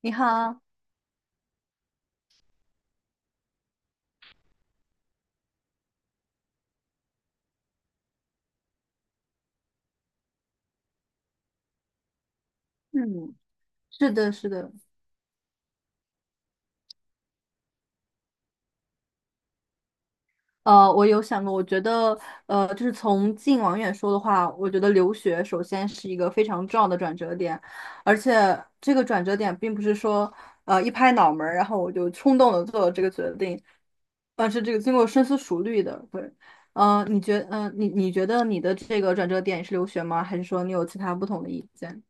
你好，嗯，是的，是的，我有想过，我觉得，就是从近往远说的话，我觉得留学首先是一个非常重要的转折点，而且这个转折点并不是说，一拍脑门儿，然后我就冲动的做了这个决定，而是这个经过深思熟虑的。对，你觉得你的这个转折点是留学吗？还是说你有其他不同的意见？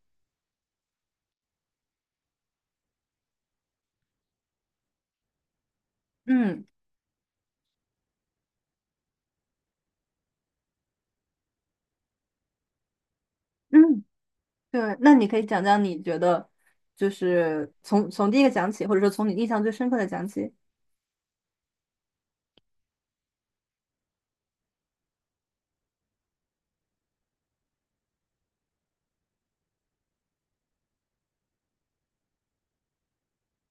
嗯嗯。对，那你可以讲讲你觉得，就是从第一个讲起，或者说从你印象最深刻的讲起。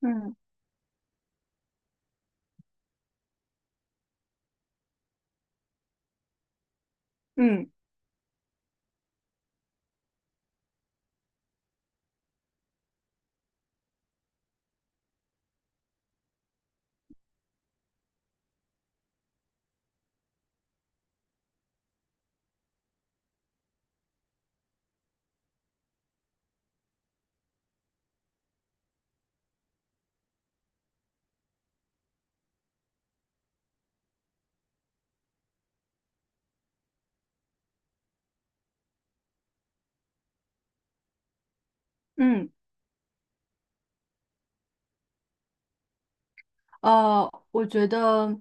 嗯嗯嗯，我觉得，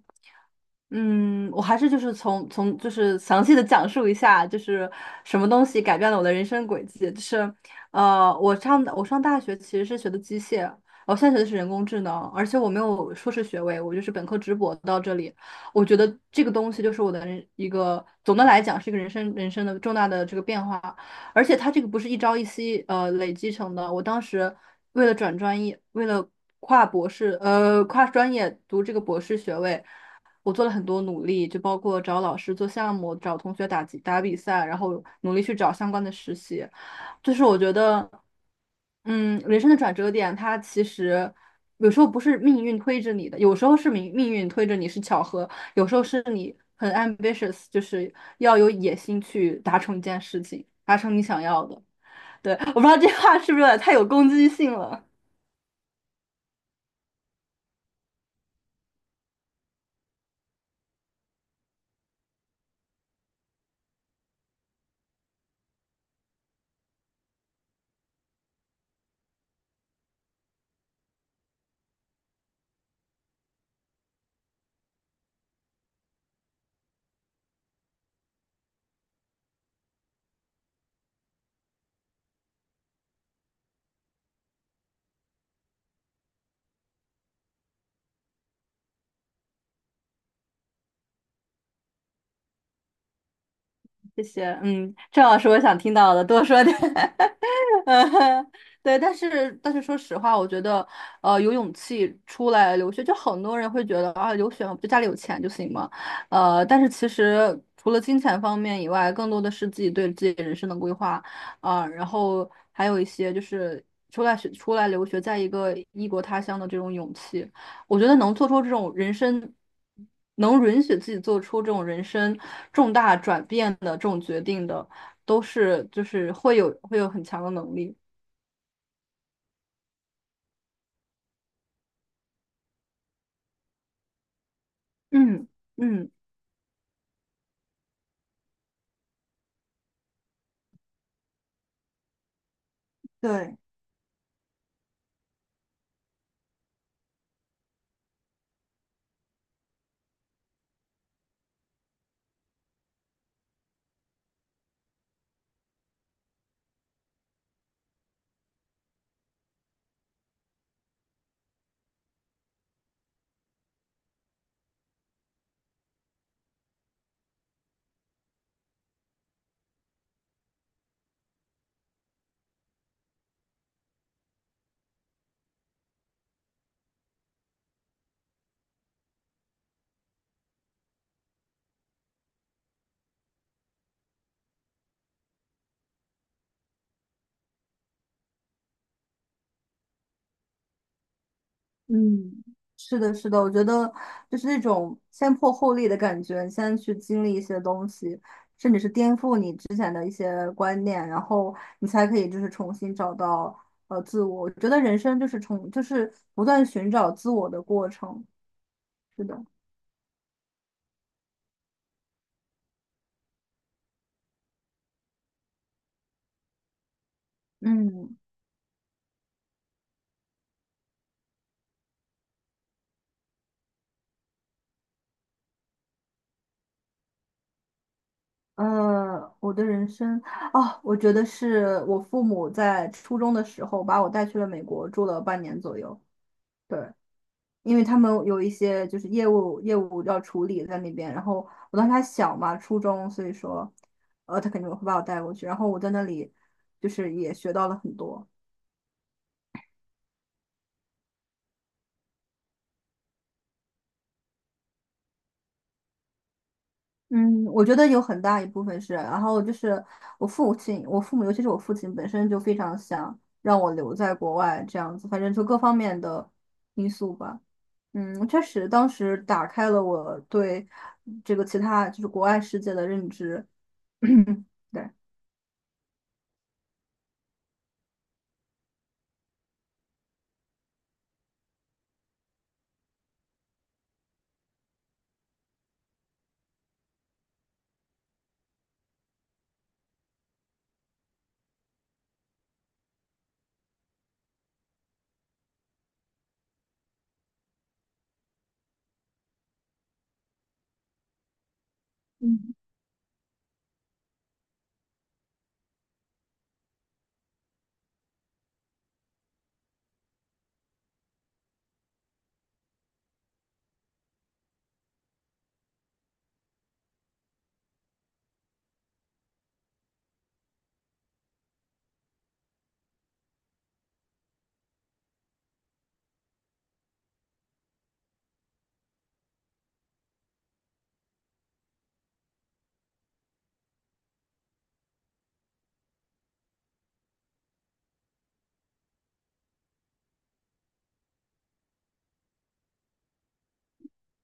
嗯，我还是就是从就是详细的讲述一下，就是什么东西改变了我的人生轨迹。就是，我上大学其实是学的机械，我现在学的是人工智能，而且我没有硕士学位，我就是本科直博到这里。我觉得这个东西就是我的人一个总的来讲是一个人生的重大的这个变化，而且它这个不是一朝一夕累积成的。我当时为了转专业，为了跨博士，跨专业读这个博士学位，我做了很多努力，就包括找老师做项目，找同学打比赛，然后努力去找相关的实习。就是我觉得，嗯，人生的转折点，它其实有时候不是命运推着你的，有时候是命运推着你是巧合，有时候是你很 ambitious，就是要有野心去达成一件事情，达成你想要的。对，我不知道这话是不是有点太有攻击性了。谢谢，嗯，正好是我想听到的，多说点。嗯，对，但是说实话，我觉得，有勇气出来留学，就很多人会觉得啊，留学就家里有钱就行嘛，但是其实除了金钱方面以外，更多的是自己对自己人生的规划啊，然后还有一些就是出来留学，在一个异国他乡的这种勇气。我觉得能做出这种人生，能允许自己做出这种人生重大转变的这种决定的，都是就是会有很强的能力。嗯嗯，对，嗯，是的，是的，我觉得就是那种先破后立的感觉，你先去经历一些东西，颠覆你之前的一些观念，然后你才可以就是重新找到自我。我觉得人生就是不断寻找自我的过程。是的。嗯。呃，我的人生，哦，我觉得是我父母在初中的时候把我带去了美国，住了半年左右。对，因为他们有一些就是业务要处理在那边，然后我当时还小嘛，初中，所以说，他肯定会把我带过去。然后我在那里就是也学到了很多。嗯，我觉得有很大一部分是，然后就是我父亲，我父母，尤其是我父亲本身就非常想让我留在国外这样子，反正就各方面的因素吧。嗯，确实，当时打开了我对这个其他就是国外世界的认知。对。嗯，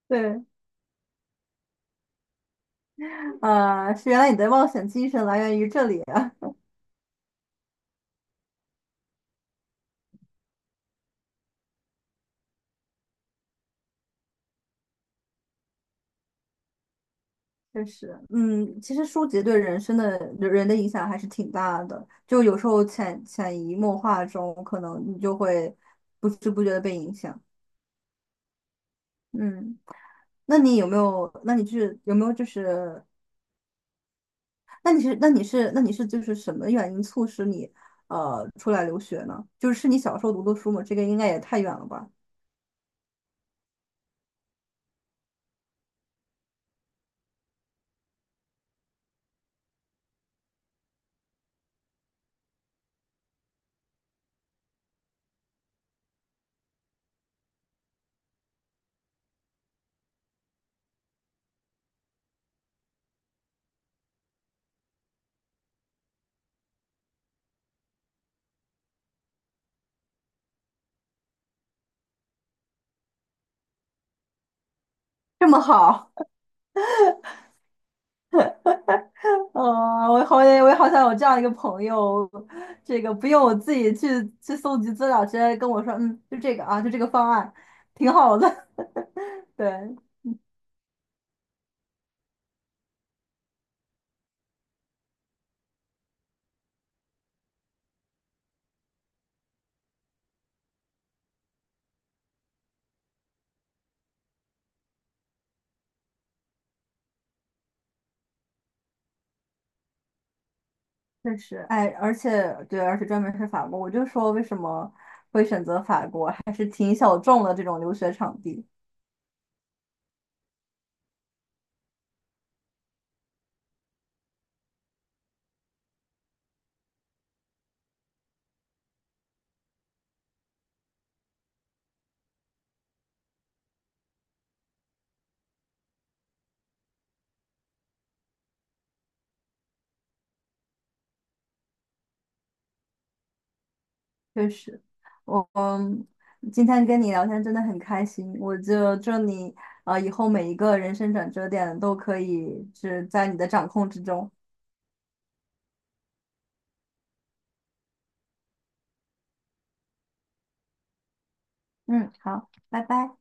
对，是原来你的冒险精神来源于这里啊。确实，嗯，其实书籍对人生的人的影响还是挺大的，就有时候潜移默化中，可能你就会不知不觉的被影响。嗯，那你有没有？那你是有没有就是那你是那你是那你是就是什么原因促使你出来留学呢？就是是你小时候读的书吗？这个应该也太远了吧？这么好，呃，我也好想有这样一个朋友，这个不用我自己去去搜集资料，直接跟我说，嗯，就这个啊，就这个方案，挺好的。对，确实，哎，而且对，而且专门是法国，我就说为什么会选择法国，还是挺小众的这种留学场地。确实，我嗯，今天跟你聊天真的很开心。我就祝你以后每一个人生转折点都可以是在你的掌控之中。嗯，好，拜拜。